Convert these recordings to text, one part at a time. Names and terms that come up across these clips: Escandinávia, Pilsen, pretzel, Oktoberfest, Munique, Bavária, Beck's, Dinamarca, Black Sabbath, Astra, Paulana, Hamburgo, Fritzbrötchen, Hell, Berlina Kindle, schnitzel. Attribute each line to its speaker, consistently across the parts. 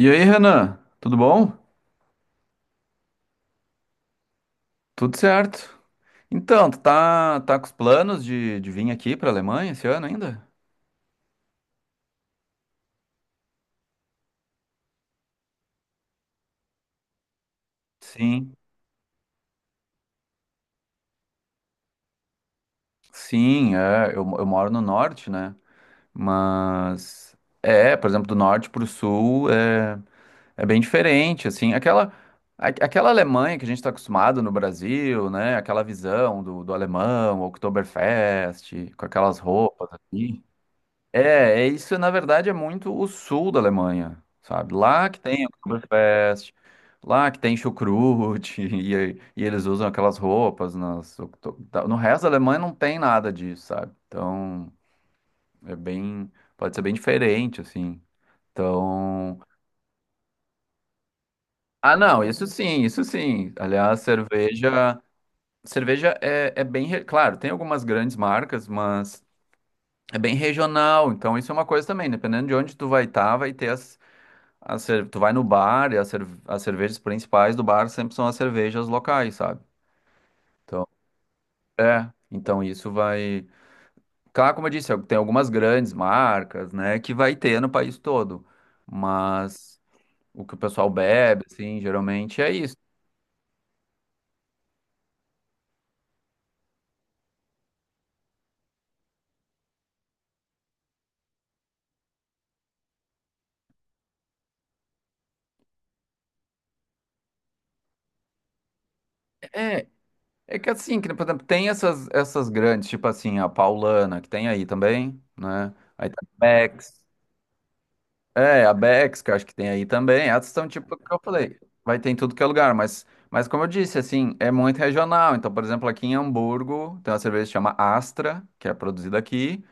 Speaker 1: E aí, Renan, tudo bom? Tudo certo. Então, tu tá com os planos de vir aqui pra Alemanha esse ano ainda? Sim. Sim, é, eu moro no norte, né? Mas, é, por exemplo, do norte pro sul é bem diferente, assim, aquela Alemanha que a gente tá acostumado no Brasil, né? Aquela visão do alemão, Oktoberfest, com aquelas roupas assim. É, é isso, na verdade, é muito o sul da Alemanha, sabe? Lá que tem Oktoberfest, lá que tem chucrute, e eles usam aquelas roupas nas, no resto da Alemanha não tem nada disso, sabe? Então, é bem, pode ser bem diferente, assim. Então, ah, não, isso sim, isso sim. Aliás, cerveja é bem, claro, tem algumas grandes marcas, mas é bem regional, então isso é uma coisa também, dependendo de onde tu vai estar, vai ter tu vai no bar e as cervejas principais do bar sempre são as cervejas locais, sabe? Então, é, então isso vai. Claro, como eu disse, tem algumas grandes marcas, né, que vai ter no país todo, mas o que o pessoal bebe, assim, geralmente é isso. É, é que assim, que, por exemplo, tem essas grandes, tipo assim, a Paulana, que tem aí também, né? Aí tem a Beck's. É, a Bex, que eu acho que tem aí também. Essas são tipo o que eu falei. Vai ter em tudo que é lugar, mas, como eu disse, assim, é muito regional. Então, por exemplo, aqui em Hamburgo tem uma cerveja que chama Astra, que é produzida aqui,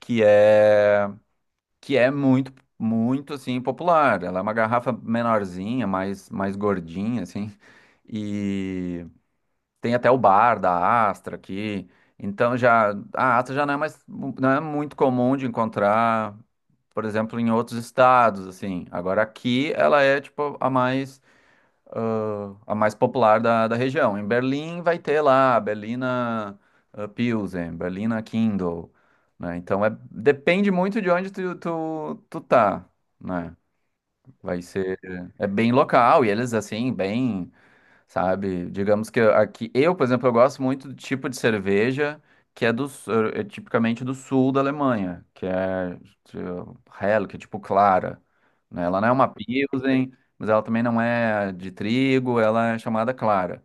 Speaker 1: que é que é muito, muito assim popular. Ela é uma garrafa menorzinha, mais gordinha, assim. E tem até o bar da Astra aqui. Então já a Astra já não é mais não é muito comum de encontrar, por exemplo, em outros estados assim. Agora aqui ela é tipo a mais popular da região. Em Berlim vai ter lá a Berlina, ah, Pilsen, Berlina Kindle, né? Então é depende muito de onde tu tá, né? Vai ser é bem local e eles assim bem, sabe? Digamos que aqui, eu, por exemplo, eu gosto muito do tipo de cerveja que é do é tipicamente do sul da Alemanha, que é tipo Hell, que é tipo clara, né? Ela não é uma Pilsen, mas ela também não é de trigo, ela é chamada clara.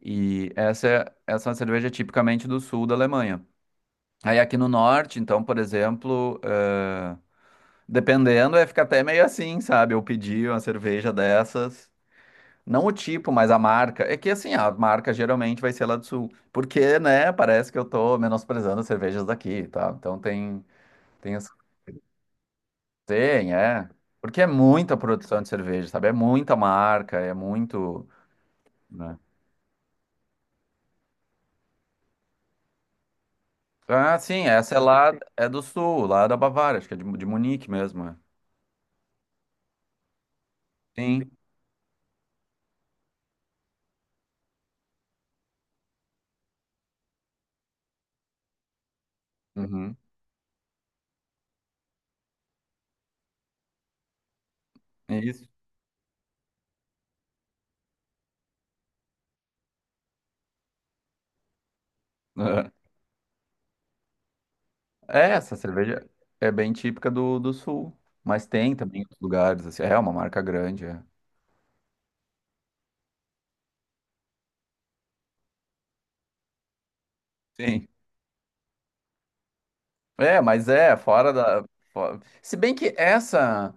Speaker 1: E essa é uma cerveja tipicamente do sul da Alemanha. Aí aqui no norte, então, por exemplo, eh, dependendo, é fica até meio assim, sabe? Eu pedi uma cerveja dessas. Não o tipo, mas a marca. É que assim, a marca geralmente vai ser lá do sul. Porque, né, parece que eu tô menosprezando as cervejas daqui, tá? Então tem, essa- tem, é. Porque é muita produção de cerveja, sabe? É muita marca, é muito, né? Ah, sim, essa é lá, é do sul, lá da Bavária, acho que é de Munique mesmo, é. Sim. Uhum. Isso. É, essa cerveja é bem típica do sul. Mas tem também em outros lugares, assim. É, é uma marca grande, é. Sim. É, mas é, fora da. Se bem que essa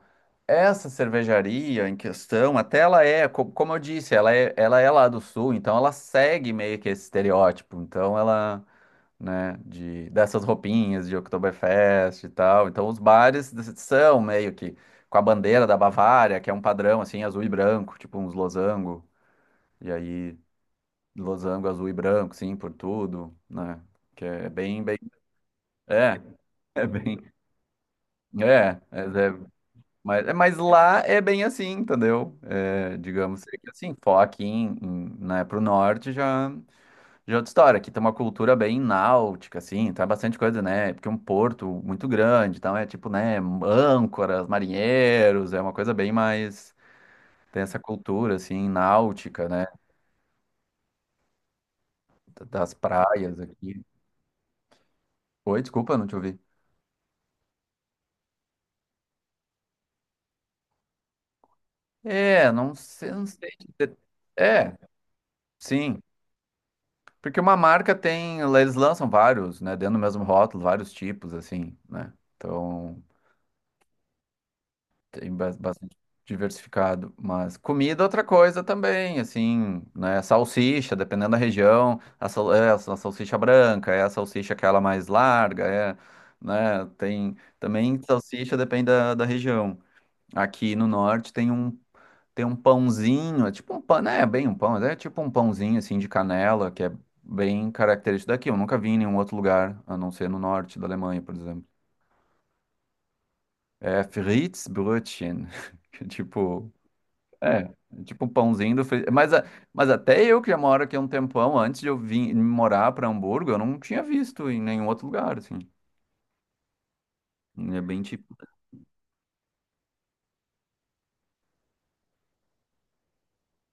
Speaker 1: essa cervejaria em questão, até como eu disse, ela é lá do sul, então ela segue meio que esse estereótipo. Então ela, né, dessas roupinhas de Oktoberfest e tal. Então são meio que com a bandeira da Bavária, que é um padrão assim, azul e branco, tipo uns losango. E aí, losango azul e branco, sim, por tudo, né? Que é bem. É. É bem é, mas, é, mas, é- mas lá é bem assim, entendeu? É, digamos que assim, for aqui né, pro norte já, já é outra história. Aqui tem uma cultura bem náutica, assim, tá bastante coisa, né? Porque é um porto muito grande, então é tipo, né, âncoras, marinheiros, é uma coisa bem mais. Tem essa cultura, assim, náutica, né? Das praias aqui. Oi, desculpa, não te ouvi. É, não sei, não sei. Te É, sim. Porque uma marca tem, eles lançam vários, né, dentro do mesmo rótulo, vários tipos, assim, né? Então, tem bastante diversificado. Mas comida é outra coisa também, assim, né? Salsicha, dependendo da região, a, sal- é a sal- salsicha branca, é a salsicha aquela mais larga, é, né? Tem também salsicha, depende da região. Aqui no norte tem um pãozinho, é tipo um pão, né? É bem um pão, mas é tipo um pãozinho assim de canela, que é bem característico daqui. Eu nunca vi em nenhum outro lugar, a não ser no norte da Alemanha, por exemplo. É Fritzbrötchen, que é tipo, é, é tipo um pãozinho do Fritz. Mas, mas até eu que já moro aqui há um tempão, antes de eu vir morar para Hamburgo, eu não tinha visto em nenhum outro lugar, assim. É bem tipo.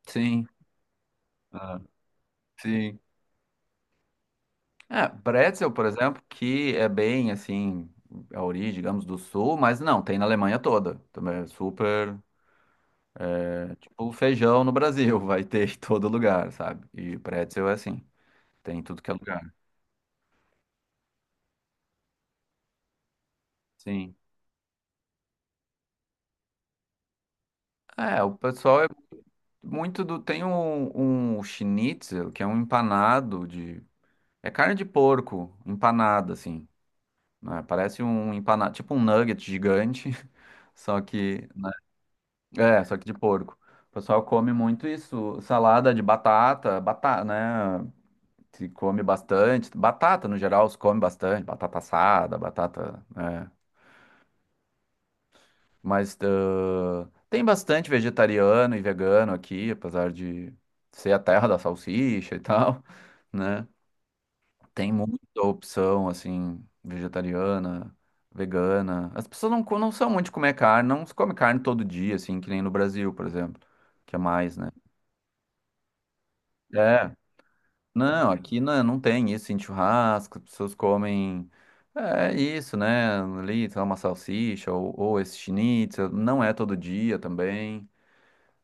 Speaker 1: Sim. Ah, sim. É, pretzel, por exemplo, que é bem assim, a origem, digamos, do sul, mas não, tem na Alemanha toda. Também é super, é tipo feijão no Brasil, vai ter em todo lugar, sabe? E pretzel é assim, tem em tudo que é lugar. Sim. É, o pessoal é muito do. Tem um schnitzel, que é um empanado de. É carne de porco empanada, assim, né? Parece um empanado, tipo um nugget gigante, só que, É, só que de porco. O pessoal come muito isso, salada de batata, batata, né? Se come bastante. Batata, no geral, se come bastante. Batata assada, batata, né? Mas tem bastante vegetariano e vegano aqui, apesar de ser a terra da salsicha e tal, né? Tem muita opção, assim, vegetariana, vegana. As pessoas não são muito de comer carne, não se come carne todo dia, assim, que nem no Brasil, por exemplo, que é mais, né? É, não, aqui não, não tem isso em churrasco, as pessoas comem. É isso, né? Ali, sei lá, uma salsicha ou esse schnitzel. Não é todo dia também.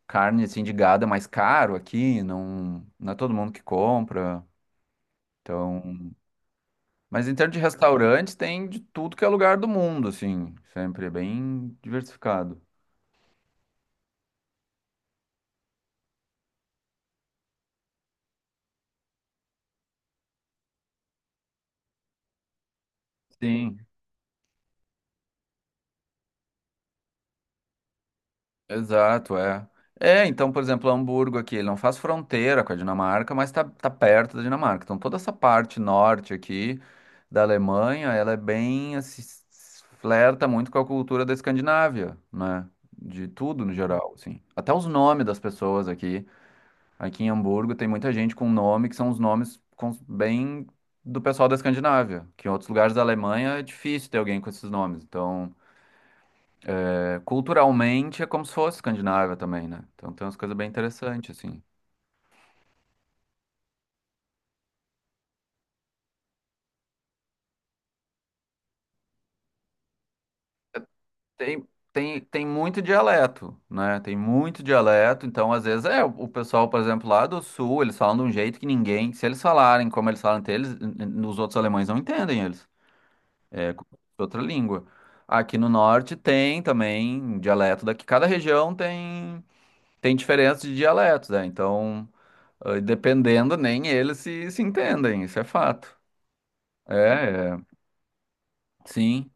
Speaker 1: Carne, assim, de gado é mais caro aqui, não, não é todo mundo que compra. Então. Mas em termos de restaurantes, tem de tudo que é lugar do mundo, assim. Sempre é bem diversificado. Sim. Exato, é. É, então, por exemplo, Hamburgo aqui, ele não faz fronteira com a Dinamarca, mas tá perto da Dinamarca. Então, toda essa parte norte aqui da Alemanha, ela é bem, assim, flerta muito com a cultura da Escandinávia, né? De tudo no geral, assim. Até os nomes das pessoas aqui. Aqui em Hamburgo tem muita gente com nome que são os bem do pessoal da Escandinávia, que em outros lugares da Alemanha é difícil ter alguém com esses nomes. Então. Culturalmente é como se fosse Escandinávia também, né? Então tem umas coisas bem interessantes, assim. Tem muito dialeto, né? Tem muito dialeto, então às vezes é, o pessoal, por exemplo, lá do sul, eles falam de um jeito que ninguém, se eles falarem como eles falam entre eles, os outros alemães não entendem eles. É como se fosse outra língua. Aqui no norte tem também dialeto daqui, cada região tem, tem diferença de dialetos, né? Então, dependendo, nem eles se entendem, isso é fato. É, é. Sim.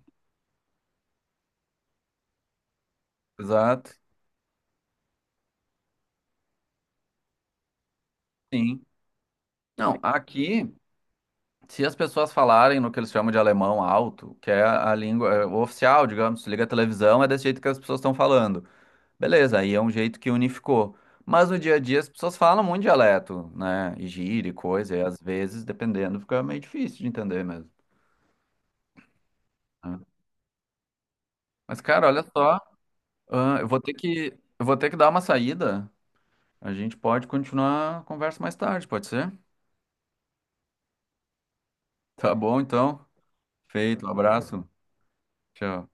Speaker 1: Exato. Sim. Não, aqui, se as pessoas falarem no que eles chamam de alemão alto, que é a língua é, o oficial, digamos, se liga a televisão, é desse jeito que as pessoas estão falando. Beleza, aí é um jeito que unificou. Mas no dia a dia as pessoas falam muito dialeto, né? E gíria e coisa, e às vezes, dependendo, fica meio difícil de entender mesmo. Né? Mas, cara, olha só, ah, eu vou ter eu vou ter que dar uma saída. A gente pode continuar a conversa mais tarde, pode ser? Tá bom, então. Feito, um abraço. Tchau.